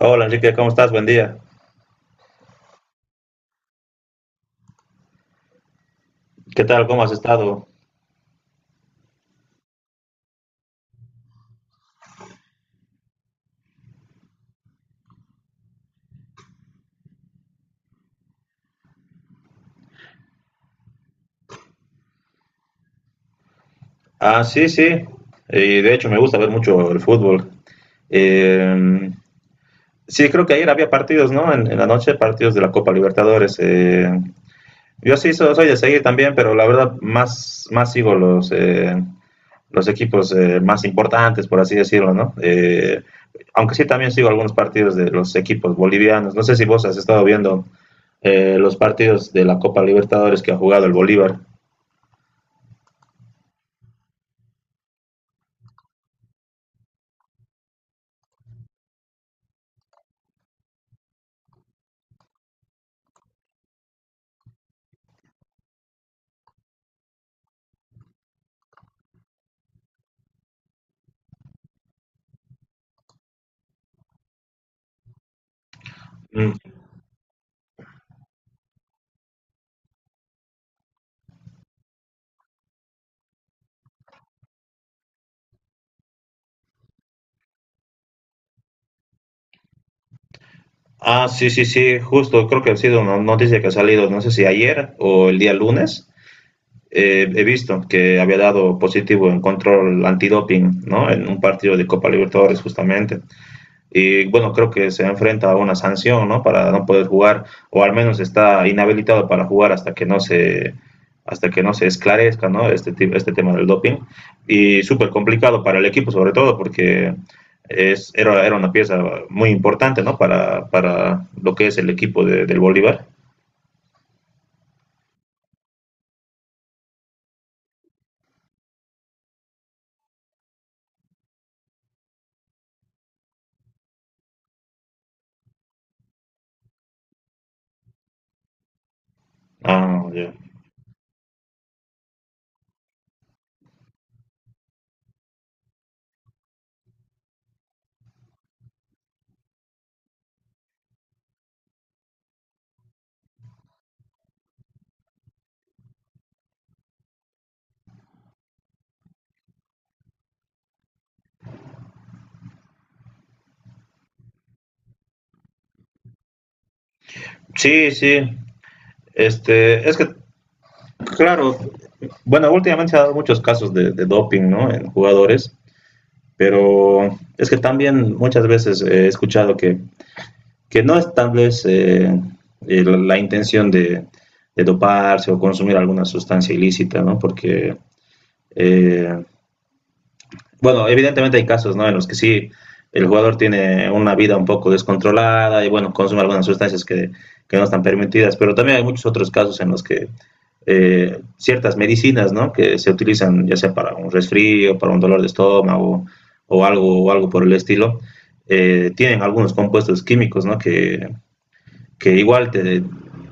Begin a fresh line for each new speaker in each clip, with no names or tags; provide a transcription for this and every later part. Hola Enrique, ¿cómo estás? Buen día. ¿Qué tal? ¿Cómo has estado? Ah, sí, sí. Y de hecho me gusta ver mucho el fútbol. Eh, sí, creo que ayer había partidos, ¿no? En la noche, partidos de la Copa Libertadores. Yo sí soy de seguir también, pero la verdad más sigo los los equipos más importantes, por así decirlo, ¿no? Aunque sí también sigo algunos partidos de los equipos bolivianos. No sé si vos has estado viendo los partidos de la Copa Libertadores que ha jugado el Bolívar. Mm. Ah, sí, sí, sí, justo, creo que ha sido una noticia que ha salido, no sé si ayer o el día lunes, he visto que había dado positivo en control antidoping, ¿no? En un partido de Copa Libertadores, justamente, y bueno, creo que se enfrenta a una sanción, ¿no? Para no poder jugar, o al menos está inhabilitado para jugar hasta que no se esclarezca, ¿no? Este tema del doping. Y súper complicado para el equipo, sobre todo, porque era una pieza muy importante, ¿no? Para lo que es el equipo del Bolívar. Ah, yeah. Sí, sí. Este, es que, claro, bueno, últimamente se han dado muchos casos de doping, ¿no? En jugadores. Pero es que también muchas veces he escuchado que no es tal vez la intención de doparse o consumir alguna sustancia ilícita, ¿no? Porque eh, bueno, evidentemente hay casos, ¿no? En los que sí el jugador tiene una vida un poco descontrolada y bueno, consume algunas sustancias que no están permitidas, pero también hay muchos otros casos en los que ciertas medicinas, ¿no? Que se utilizan ya sea para un resfrío, para un dolor de estómago o algo por el estilo, tienen algunos compuestos químicos, ¿no? Que igual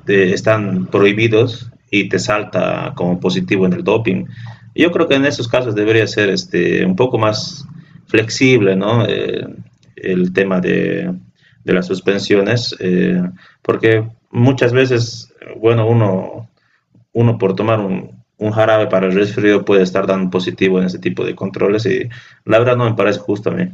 te están prohibidos y te salta como positivo en el doping. Yo creo que en esos casos debería ser este, un poco más flexible, ¿no? El tema de las suspensiones, porque muchas veces, bueno, uno por tomar un jarabe para el resfrío puede estar dando positivo en ese tipo de controles y la verdad no me parece justo a mí.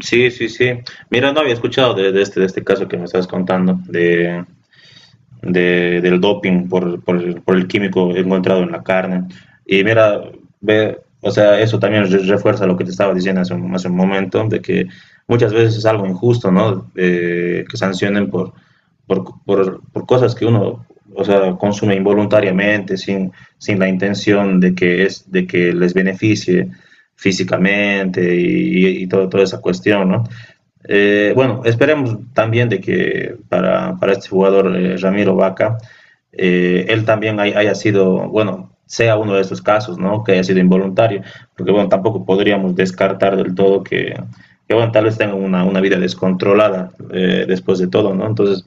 Sí, sí, sí. Mira, no había escuchado de este de este caso que me estás contando, del doping por el químico encontrado en la carne. Y mira, ve, o sea, eso también refuerza lo que te estaba diciendo hace un momento, de que muchas veces es algo injusto, ¿no? Que sancionen por cosas que uno, o sea, consume involuntariamente, sin la intención de de que les beneficie físicamente y todo, toda esa cuestión, ¿no? Bueno, esperemos también de que para este jugador Ramiro Vaca, él también haya sido, bueno, sea uno de esos casos, ¿no? Que haya sido involuntario, porque bueno, tampoco podríamos descartar del todo que bueno, tal vez tenga una vida descontrolada después de todo, ¿no? Entonces,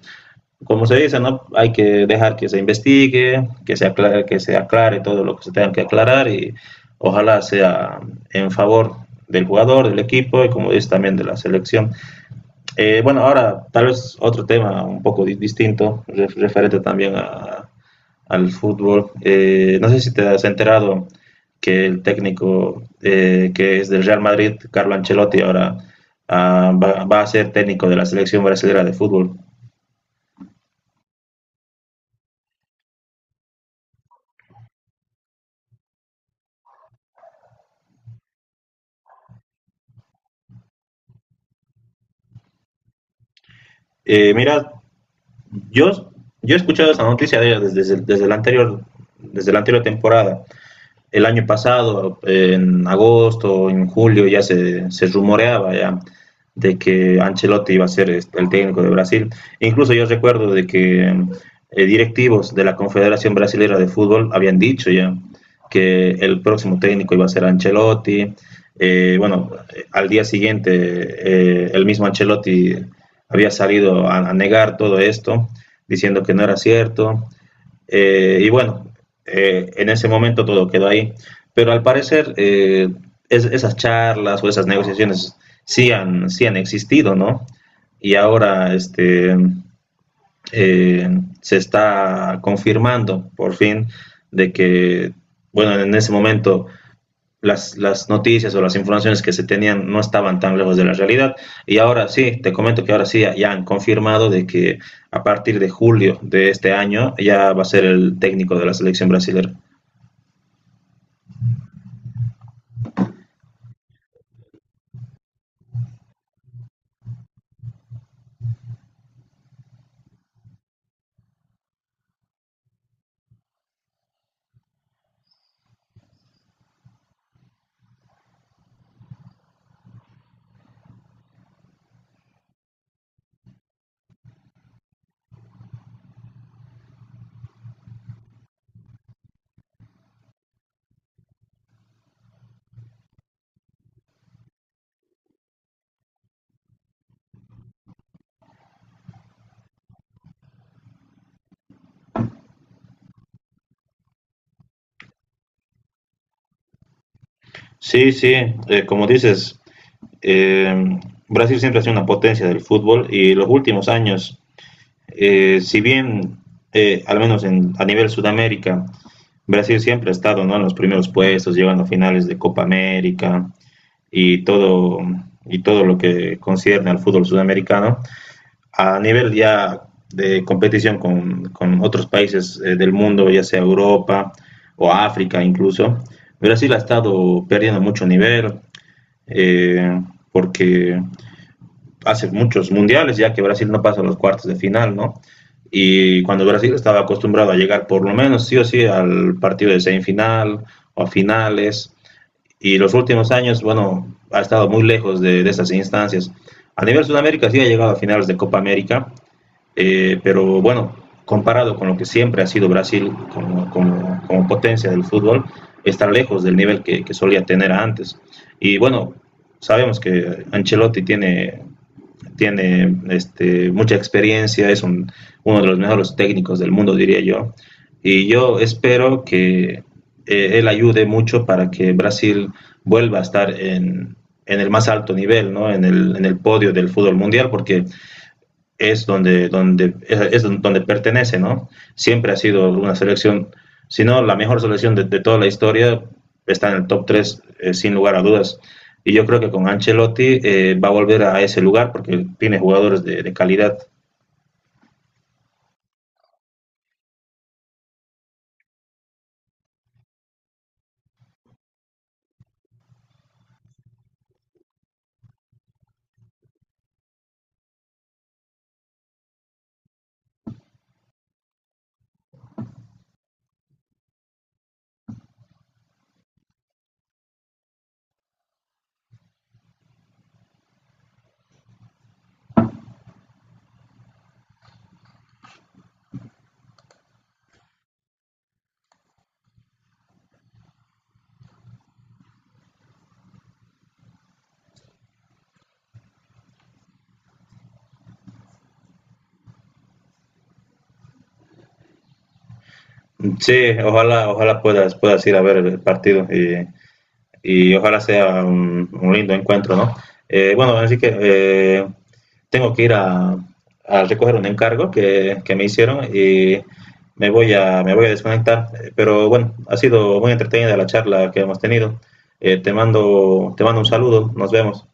como se dice, ¿no? Hay que dejar que se investigue, que se aclare todo lo que se tenga que aclarar y ojalá sea en favor del jugador, del equipo y como dice también de la selección. Bueno, ahora tal vez otro tema un poco distinto, referente también al fútbol. No sé si te has enterado que el técnico que es del Real Madrid, Carlo Ancelotti, ahora ah, va a ser técnico de la selección brasileña de fútbol. Mira, yo, yo he escuchado esa noticia desde la anterior, desde la anterior temporada. El año pasado, en agosto, en julio, ya se rumoreaba ya de que Ancelotti iba a ser este, el técnico de Brasil. Incluso yo recuerdo de que directivos de la Confederación Brasilera de Fútbol habían dicho ya que el próximo técnico iba a ser Ancelotti. Bueno, al día siguiente el mismo Ancelotti había salido a negar todo esto, diciendo que no era cierto. Y bueno, en ese momento todo quedó ahí. Pero al parecer esas charlas o esas negociaciones sí han existido, ¿no? Y ahora este, eh, se está confirmando por fin de que, bueno, en ese momento las noticias o las informaciones que se tenían no estaban tan lejos de la realidad. Y ahora sí, te comento que ahora sí ya, han confirmado de que a partir de julio de este año ya va a ser el técnico de la selección brasileña. Sí, sí, como dices, eh, Brasil siempre ha sido una potencia del fútbol y los últimos años, si bien al menos a nivel Sudamérica, Brasil siempre ha estado, ¿no?, en los primeros puestos, llegando a finales de Copa América, y todo, y todo lo que concierne al fútbol sudamericano. A nivel ya de competición con otros países del mundo, ya sea Europa o África incluso, Brasil ha estado perdiendo mucho nivel, eh, porque hace muchos mundiales ya que Brasil no pasa a los cuartos de final, ¿no? Y cuando Brasil estaba acostumbrado a llegar por lo menos sí o sí al partido de semifinal o a finales, y los últimos años, bueno, ha estado muy lejos de esas instancias. A nivel Sudamérica sí ha llegado a finales de Copa América, pero bueno, comparado con lo que siempre ha sido Brasil como potencia del fútbol, está lejos del nivel que solía tener antes. Y bueno, sabemos que Ancelotti tiene este, mucha experiencia, es uno de los mejores técnicos del mundo, diría yo. Y yo espero que él ayude mucho para que Brasil vuelva a estar en el más alto nivel, ¿no? En el podio del fútbol mundial, porque es es donde pertenece, ¿no? Siempre ha sido una selección, si no la mejor selección de toda la historia, está en el top 3 sin lugar a dudas. Y yo creo que con Ancelotti va a volver a ese lugar porque tiene jugadores de calidad. Sí, ojalá, ojalá puedas ir a ver el partido y ojalá sea un lindo encuentro, ¿no? Bueno, así que tengo que ir a recoger un encargo que me hicieron y me voy a desconectar. Pero bueno, ha sido muy entretenida la charla que hemos tenido. Eh, te mando un saludo, nos vemos.